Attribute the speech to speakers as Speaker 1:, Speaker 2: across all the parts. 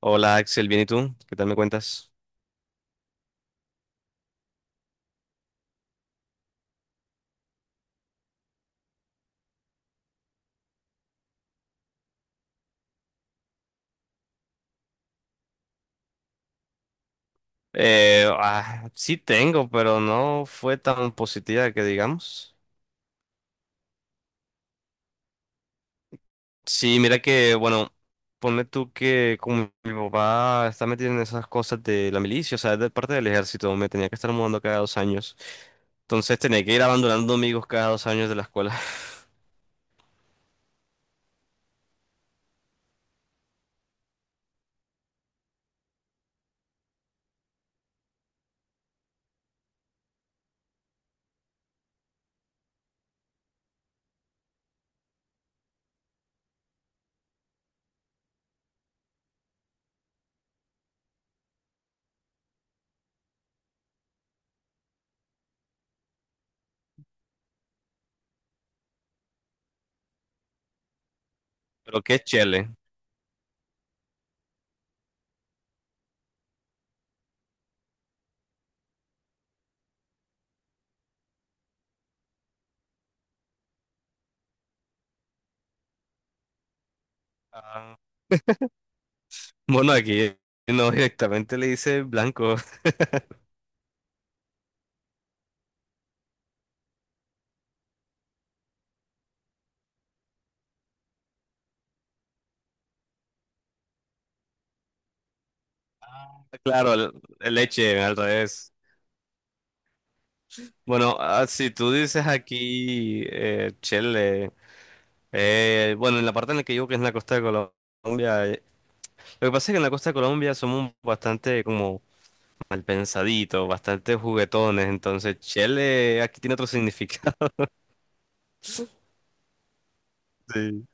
Speaker 1: Hola Axel, ¿bien y tú? ¿Qué tal me cuentas? Sí tengo, pero no fue tan positiva que digamos. Sí, mira que, bueno, ponle tú que como mi papá está metido en esas cosas de la milicia, o sea, es de parte del ejército, me tenía que estar mudando cada 2 años. Entonces tenía que ir abandonando amigos cada 2 años de la escuela. Pero qué chele. Ah, Bueno, aquí no directamente le dice blanco. Claro, el leche al revés. Bueno, si tú dices aquí Chile, bueno, en la parte en la que yo que es en la costa de Colombia, lo que pasa es que en la costa de Colombia somos bastante como mal pensaditos, bastante juguetones, entonces Chile aquí tiene otro significado. Sí.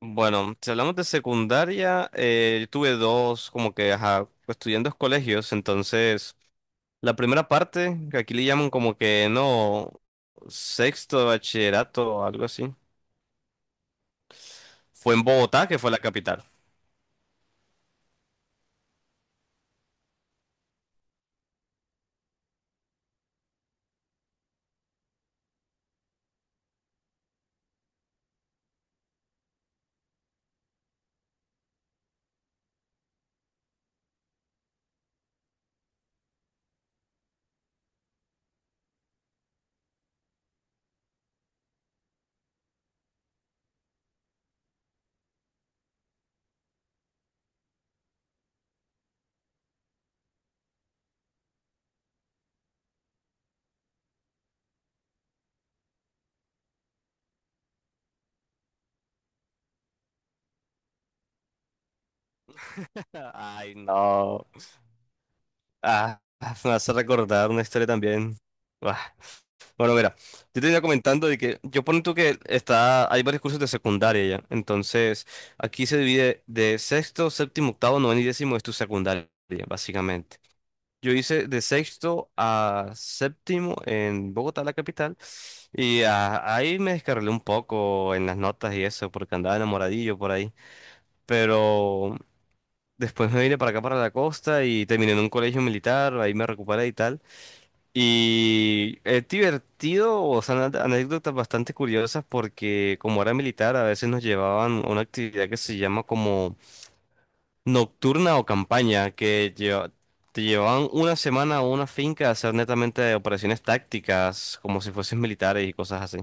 Speaker 1: Bueno, si hablamos de secundaria, tuve dos, como que, ajá, pues, estudié en dos colegios, entonces la primera parte, que aquí le llaman como que no, sexto de bachillerato o algo así. Fue en Bogotá, que fue la capital. Ay, no. Ah, me hace recordar una historia también. Ah, bueno, mira, yo te venía comentando de que yo pongo tú que está, hay varios cursos de secundaria ya. Entonces, aquí se divide de sexto, séptimo, octavo, noveno y décimo es tu secundaria, básicamente. Yo hice de sexto a séptimo en Bogotá, la capital, y ahí me descarrilé un poco en las notas y eso, porque andaba enamoradillo por ahí. Pero Después me vine para acá, para la costa, y terminé en un colegio militar, ahí me recuperé y tal. Y es divertido, o sea, anécdotas bastante curiosas porque como era militar, a veces nos llevaban a una actividad que se llama como nocturna o campaña, te llevaban una semana a una finca a hacer netamente operaciones tácticas, como si fueses militares y cosas así.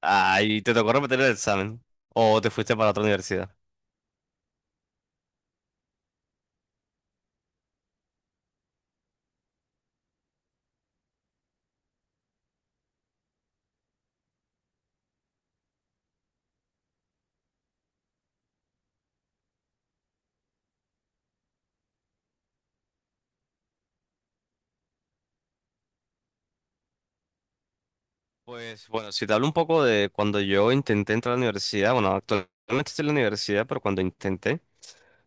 Speaker 1: Ay, ¿te tocó repetir el examen? ¿O te fuiste para otra universidad? Pues bueno, si te hablo un poco de cuando yo intenté entrar a la universidad, bueno, actualmente estoy en la universidad, pero cuando intenté,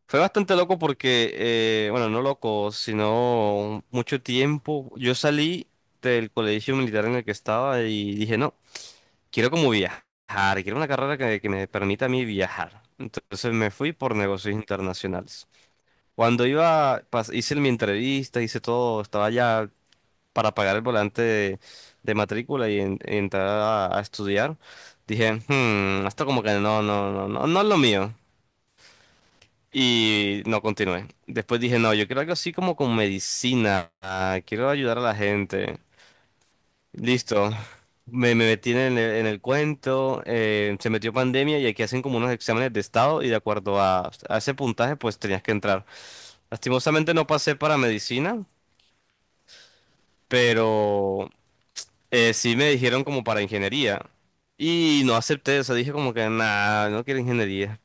Speaker 1: fue bastante loco porque, bueno, no loco, sino mucho tiempo. Yo salí del colegio militar en el que estaba y dije, no, quiero como viajar, quiero una carrera que me permita a mí viajar. Entonces me fui por negocios internacionales. Cuando iba, hice mi entrevista, hice todo, estaba ya para pagar el volante de matrícula y, y entrar a estudiar, dije, "Hmm, esto como que no, no, no, no, no es lo mío. Y no continué. Después dije, no, yo quiero algo así como con medicina, ah, quiero ayudar a la gente. Listo. Me metí en el cuento, se metió pandemia y aquí hacen como unos exámenes de estado y de acuerdo a ese puntaje pues tenías que entrar. Lastimosamente no pasé para medicina, pero sí me dijeron como para ingeniería y no acepté, o sea, dije como que nada, no quiero ingeniería.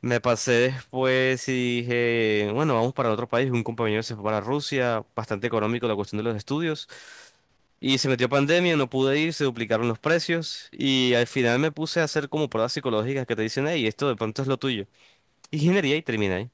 Speaker 1: Me pasé después y dije, bueno, vamos para otro país. Un compañero se fue para Rusia, bastante económico la cuestión de los estudios. Y se metió pandemia, no pude ir, se duplicaron los precios. Y al final me puse a hacer como pruebas psicológicas que te dicen, hey, esto de pronto es lo tuyo. Ingeniería y terminé ahí.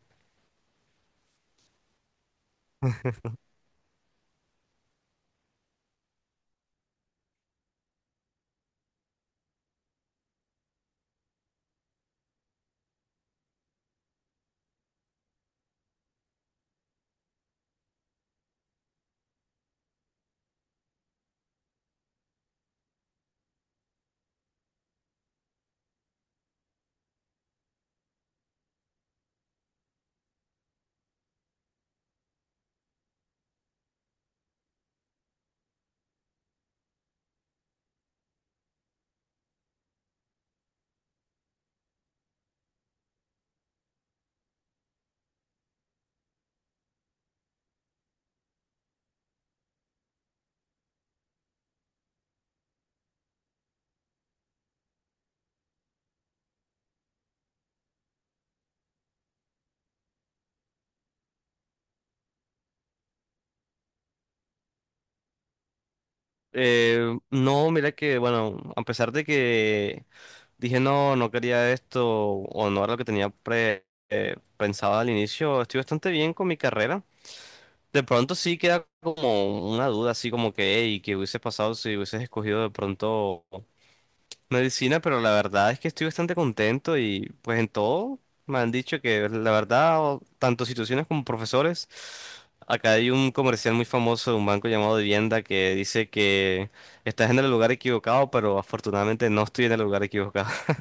Speaker 1: No, mira que, bueno, a pesar de que dije no, no quería esto o no era lo que tenía pensado al inicio, estoy bastante bien con mi carrera. De pronto sí queda como una duda, así como que, hey, ¿qué hubiese pasado si hubieses escogido de pronto? Medicina, pero la verdad es que estoy bastante contento y pues en todo me han dicho que la verdad, tanto situaciones como profesores, acá hay un comercial muy famoso de un banco llamado Vivienda que dice que estás en el lugar equivocado, pero afortunadamente no estoy en el lugar equivocado.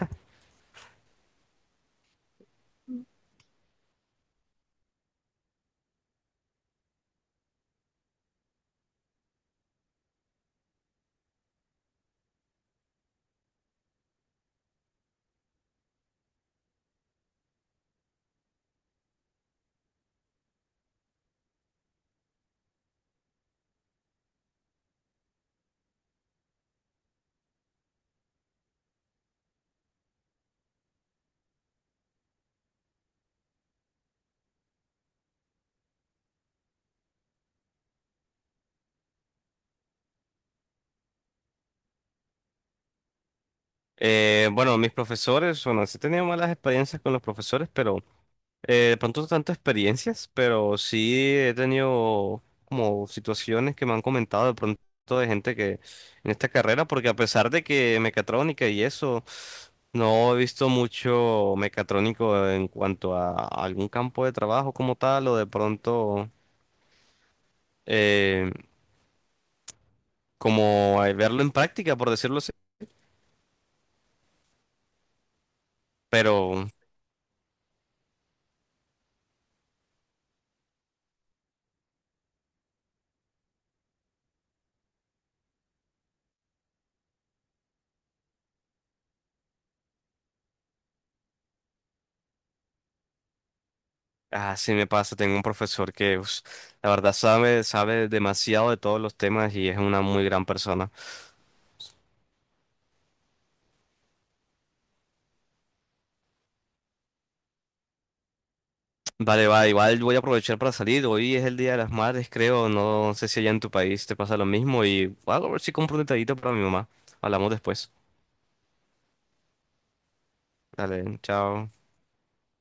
Speaker 1: Bueno, mis profesores, bueno, sí he tenido malas experiencias con los profesores, pero... de pronto no tanto experiencias, pero sí he tenido como situaciones que me han comentado de pronto de gente que en esta carrera, porque a pesar de que mecatrónica y eso, no he visto mucho mecatrónico en cuanto a algún campo de trabajo como tal, o de pronto eh, como verlo en práctica, por decirlo así. Pero así me pasa, tengo un profesor que la verdad sabe, sabe demasiado de todos los temas y es una muy gran persona. Vale, va, igual voy a aprovechar para salir. Hoy es el Día de las Madres, creo. No sé si allá en tu país te pasa lo mismo. Y voy a ver si compro un detallito para mi mamá. Hablamos después. Dale, chao.